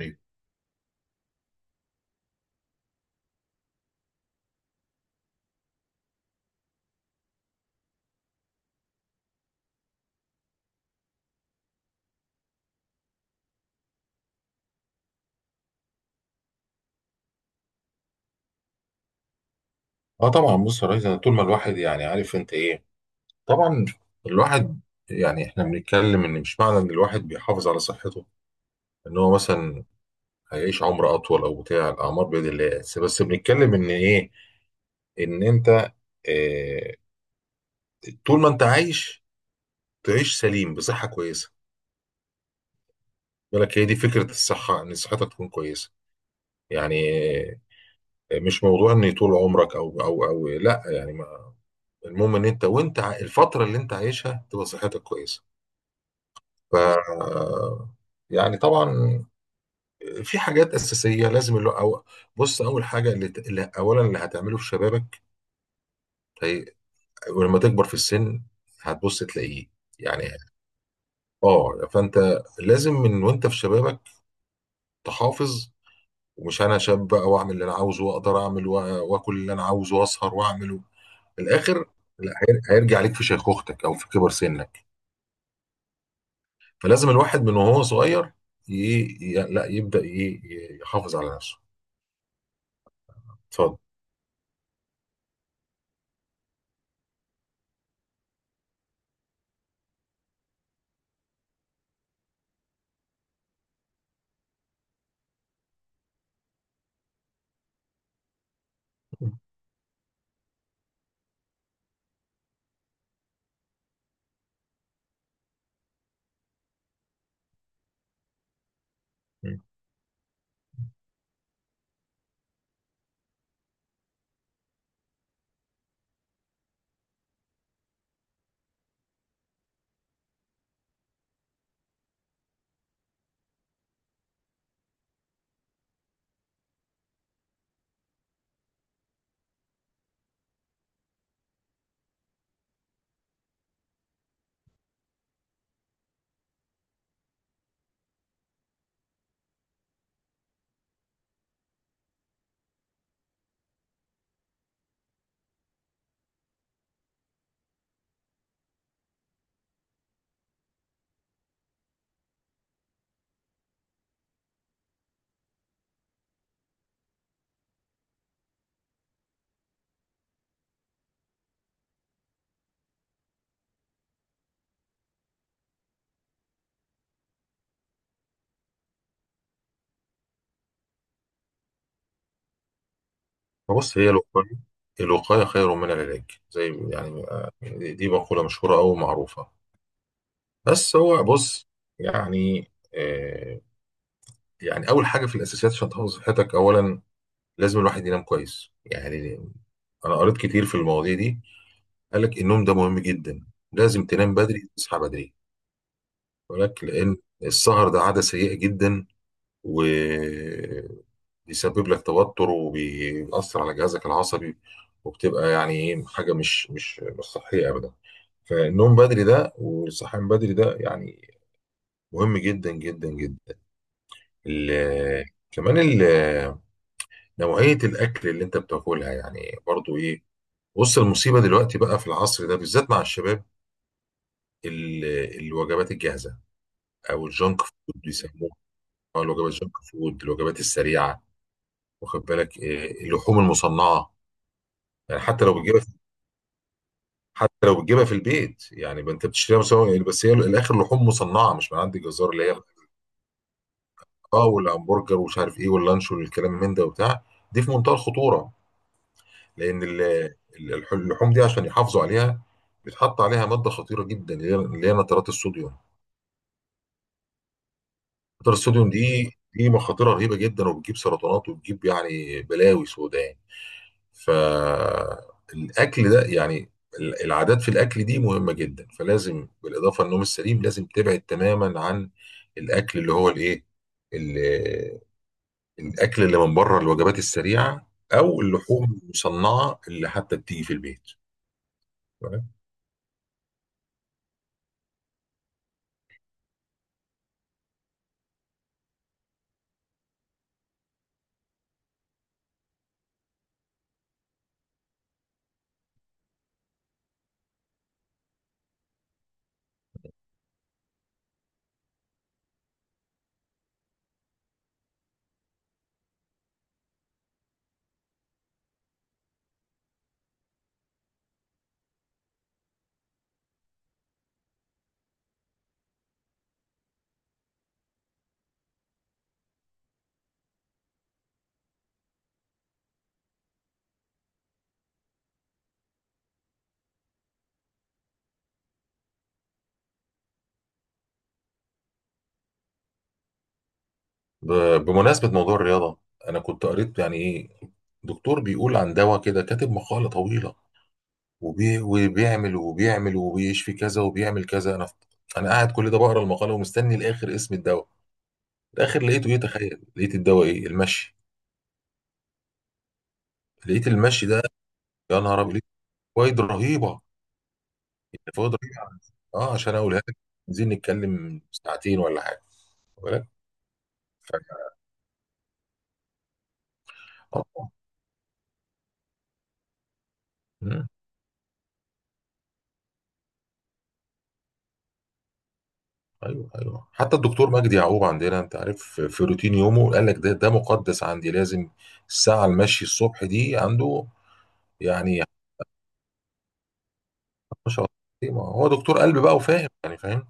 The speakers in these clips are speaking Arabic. أيوة. اه، طبعا، بص يا ريس. أنا طول ما الواحد يعني عارف انت ايه. طبعا الواحد يعني احنا بنتكلم ان مش معنى ان الواحد بيحافظ على صحته ان هو مثلا هيعيش عمر اطول، او بتاع، الاعمار بيد الله. بس بنتكلم ان ايه، ان انت، اه طول ما انت عايش تعيش سليم بصحه كويسه. بالك، هي دي فكره الصحه، ان صحتك تكون كويسه. يعني مش موضوع ان طول عمرك، او لا، يعني ما المهم ان انت، وانت الفتره اللي انت عايشها تبقى صحتك كويسه. ف يعني طبعا في حاجات اساسيه لازم اللي أو بص، اول حاجه اللي اولا هتعمله في شبابك، هي ولما تكبر في السن هتبص تلاقيه. يعني اه فانت لازم من وانت في شبابك تحافظ. ومش انا شاب بقى واعمل اللي انا عاوزه واقدر اعمل واكل اللي انا عاوزه واسهر واعمله. في الاخر لا، هيرجع عليك في شيخوختك او في كبر سنك. فلازم الواحد من وهو صغير ي... لا يبدا يحافظ على نفسه. اتفضل. مم. فبص، هي الوقاية. الوقاية خير من العلاج، زي يعني دي مقولة مشهورة أو معروفة. بس هو بص، يعني أول حاجة في الأساسيات عشان تحافظ على صحتك، أولا لازم الواحد ينام كويس. يعني أنا قريت كتير في المواضيع دي، قال لك النوم ده مهم جدا. لازم تنام بدري تصحى بدري. ولكن لأن السهر ده عادة سيئة جدا، و بيسبب لك توتر وبيأثر على جهازك العصبي. وبتبقى يعني ايه، حاجه مش صحيه ابدا. فالنوم بدري ده والصحيان بدري ده يعني مهم جدا جدا جدا. ال- كمان نوعيه الاكل اللي انت بتاكلها، يعني برضو ايه. بص المصيبه دلوقتي بقى في العصر ده بالذات مع الشباب، ال- الوجبات الجاهزه، او الجانك فود بيسموها، أو الوجبات الجانك فود، الوجبات السريعه. واخد بالك إيه، اللحوم المصنعه. يعني حتى لو بتجيبها، حتى لو بتجيبها في البيت، يعني انت بتشتريها مسوي يعني، بس هي الاخر لحوم مصنعه مش من عند الجزار اللي هي. اه، والهمبرجر ومش عارف ايه، واللانش والكلام من ده وبتاع، دي في منتهى الخطوره. لان اللحوم دي عشان يحافظوا عليها بيتحط عليها ماده خطيره جدا، اللي هي نترات الصوديوم. نترات الصوديوم دي مخاطرها رهيبه جدا، وبتجيب سرطانات وبتجيب يعني بلاوي سوداء. فالاكل ده يعني العادات في الاكل دي مهمه جدا. فلازم بالاضافه للنوم السليم لازم تبعد تماما عن الاكل اللي هو الايه، ال- الاكل اللي من بره، الوجبات السريعه او اللحوم المصنعه اللي حتى بتيجي في البيت. تمام؟ بمناسبه موضوع الرياضه، انا كنت قريت يعني ايه، دكتور بيقول عن دواء كده، كاتب مقاله طويله وبيعمل وبيشفي كذا وبيعمل كذا. انا قاعد كل ده بقرا المقاله ومستني لاخر اسم الدواء، في الاخر لقيته ايه، تخيل، لقيت الدواء ايه، المشي. لقيت المشي ده، يا نهار ابيض، لقيت فوائد رهيبه. يعني فوائد رهيبه، اه، عشان اقولها لك عايزين نتكلم ساعتين ولا حاجه. واخد بالك؟ ف- آه. آه. مم. ايوه ايوه، حتى الدكتور مجدي يعقوب عندنا، انت عارف، في روتين يومه قال لك ده مقدس عندي، لازم الساعه المشي الصبح دي عنده. يعني ما شاء الله، ما هو دكتور قلب بقى وفاهم يعني فاهم.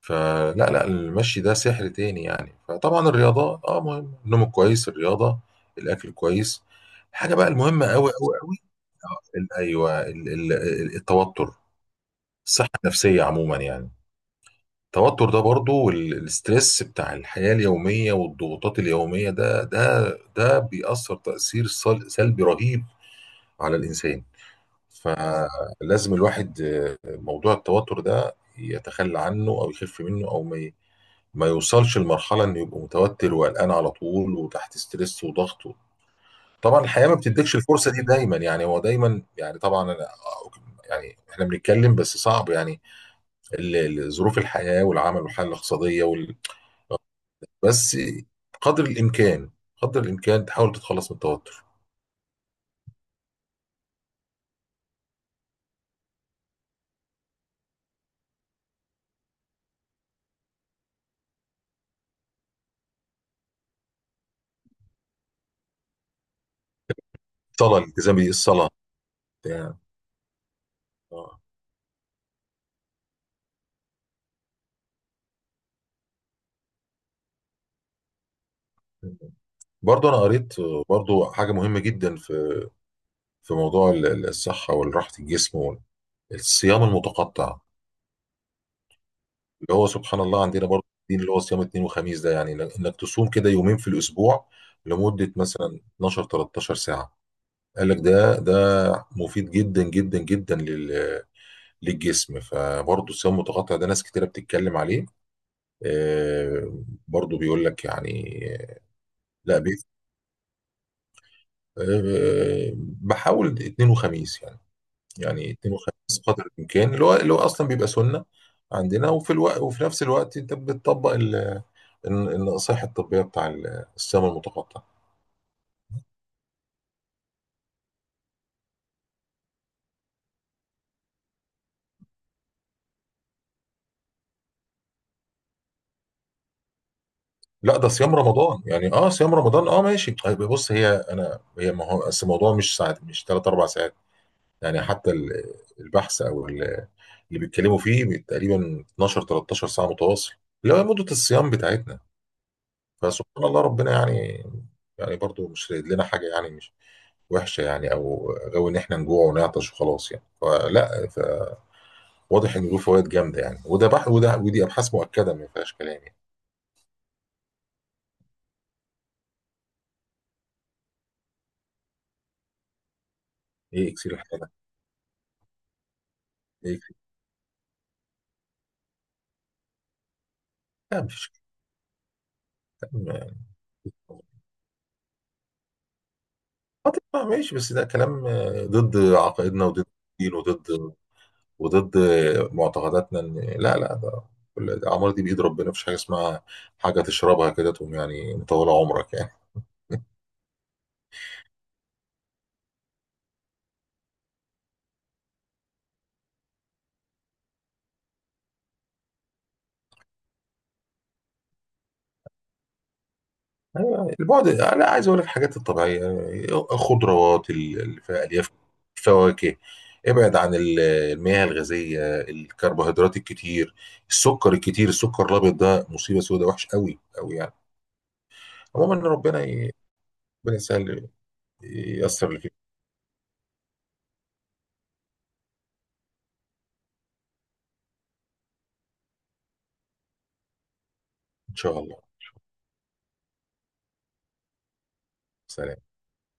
فلا لا المشي ده سحر تاني يعني. فطبعا الرياضة اه، مهم النوم الكويس، الرياضة، الأكل الكويس. حاجة بقى المهمة أوي أوي أوي، أيوه، التوتر، الصحة النفسية عموما يعني. التوتر ده برضو، والستريس بتاع الحياة اليومية والضغوطات اليومية ده، بيأثر تأثير سلبي رهيب على الإنسان. فلازم الواحد موضوع التوتر ده يتخلى عنه أو يخف منه، أو ما يوصلش لمرحلة انه يبقى متوتر وقلقان على طول وتحت ستريس وضغط. طبعا الحياة ما بتديكش الفرصة دي دايما، يعني هو دايما يعني طبعا أنا، يعني احنا بنتكلم بس صعب، يعني ظروف الحياة والعمل والحالة الاقتصادية بس، قدر الامكان قدر الامكان تحاول تتخلص من التوتر. الصلاة، الالتزام بالصلاة، يعني آه. برضه انا قريت، برضه حاجة مهمة جدا في موضوع الصحة والراحة الجسم، والصيام المتقطع، اللي هو سبحان الله عندنا برضه الدين، اللي هو صيام اثنين وخميس ده، يعني إنك تصوم كده يومين في الأسبوع لمدة مثلا 12 13 ساعة. قال لك ده مفيد جدا جدا جدا للجسم. فبرضه الصيام المتقطع ده ناس كتيرة بتتكلم عليه. برضه بيقول لك يعني. لا، آه، بحاول اثنين وخميس يعني. يعني اثنين وخميس قدر الامكان، اللي هو اصلا بيبقى سنه عندنا، وفي الوقت، وفي نفس الوقت انت بتطبق النصائح الطبيه بتاع الصيام المتقطع. لا، ده صيام رمضان يعني. اه صيام رمضان، اه ماشي طيب بص، هي انا هي ما هو اصل الموضوع مش ساعات، مش ثلاث اربع ساعات يعني، حتى البحث او اللي بيتكلموا فيه تقريبا 12 13 ساعه متواصل، اللي هو مده الصيام بتاعتنا. فسبحان الله ربنا يعني، يعني برضو مش رايد لنا حاجه، يعني مش وحشه يعني، او جو ان احنا نجوع ونعطش وخلاص يعني. فلا، واضح ان له فوائد جامده يعني. وده ودي ابحاث مؤكده ما فيهاش كلام يعني. ايه اكسير الحياه ده؟ ايه اكسير لا، مفيش كلام يعني. آه، طبعا ماشي، بس ده كلام ضد عقائدنا وضد الدين وضد، معتقداتنا. لا لا، ده الأعمار دي بإيد ربنا. مفيش حاجة اسمها حاجة تشربها كده تقوم يعني مطولة عمرك يعني. البعد، انا عايز اقول لك الحاجات الطبيعيه، الخضروات اللي فيها الياف، فواكه. ابعد عن المياه الغازيه، الكربوهيدرات الكتير، السكر الكتير. السكر الابيض ده مصيبه سوداء، وحش قوي قوي يعني. عموما ربنا ربنا يسهل ييسر اللي فيه. ان شاء الله. سلام.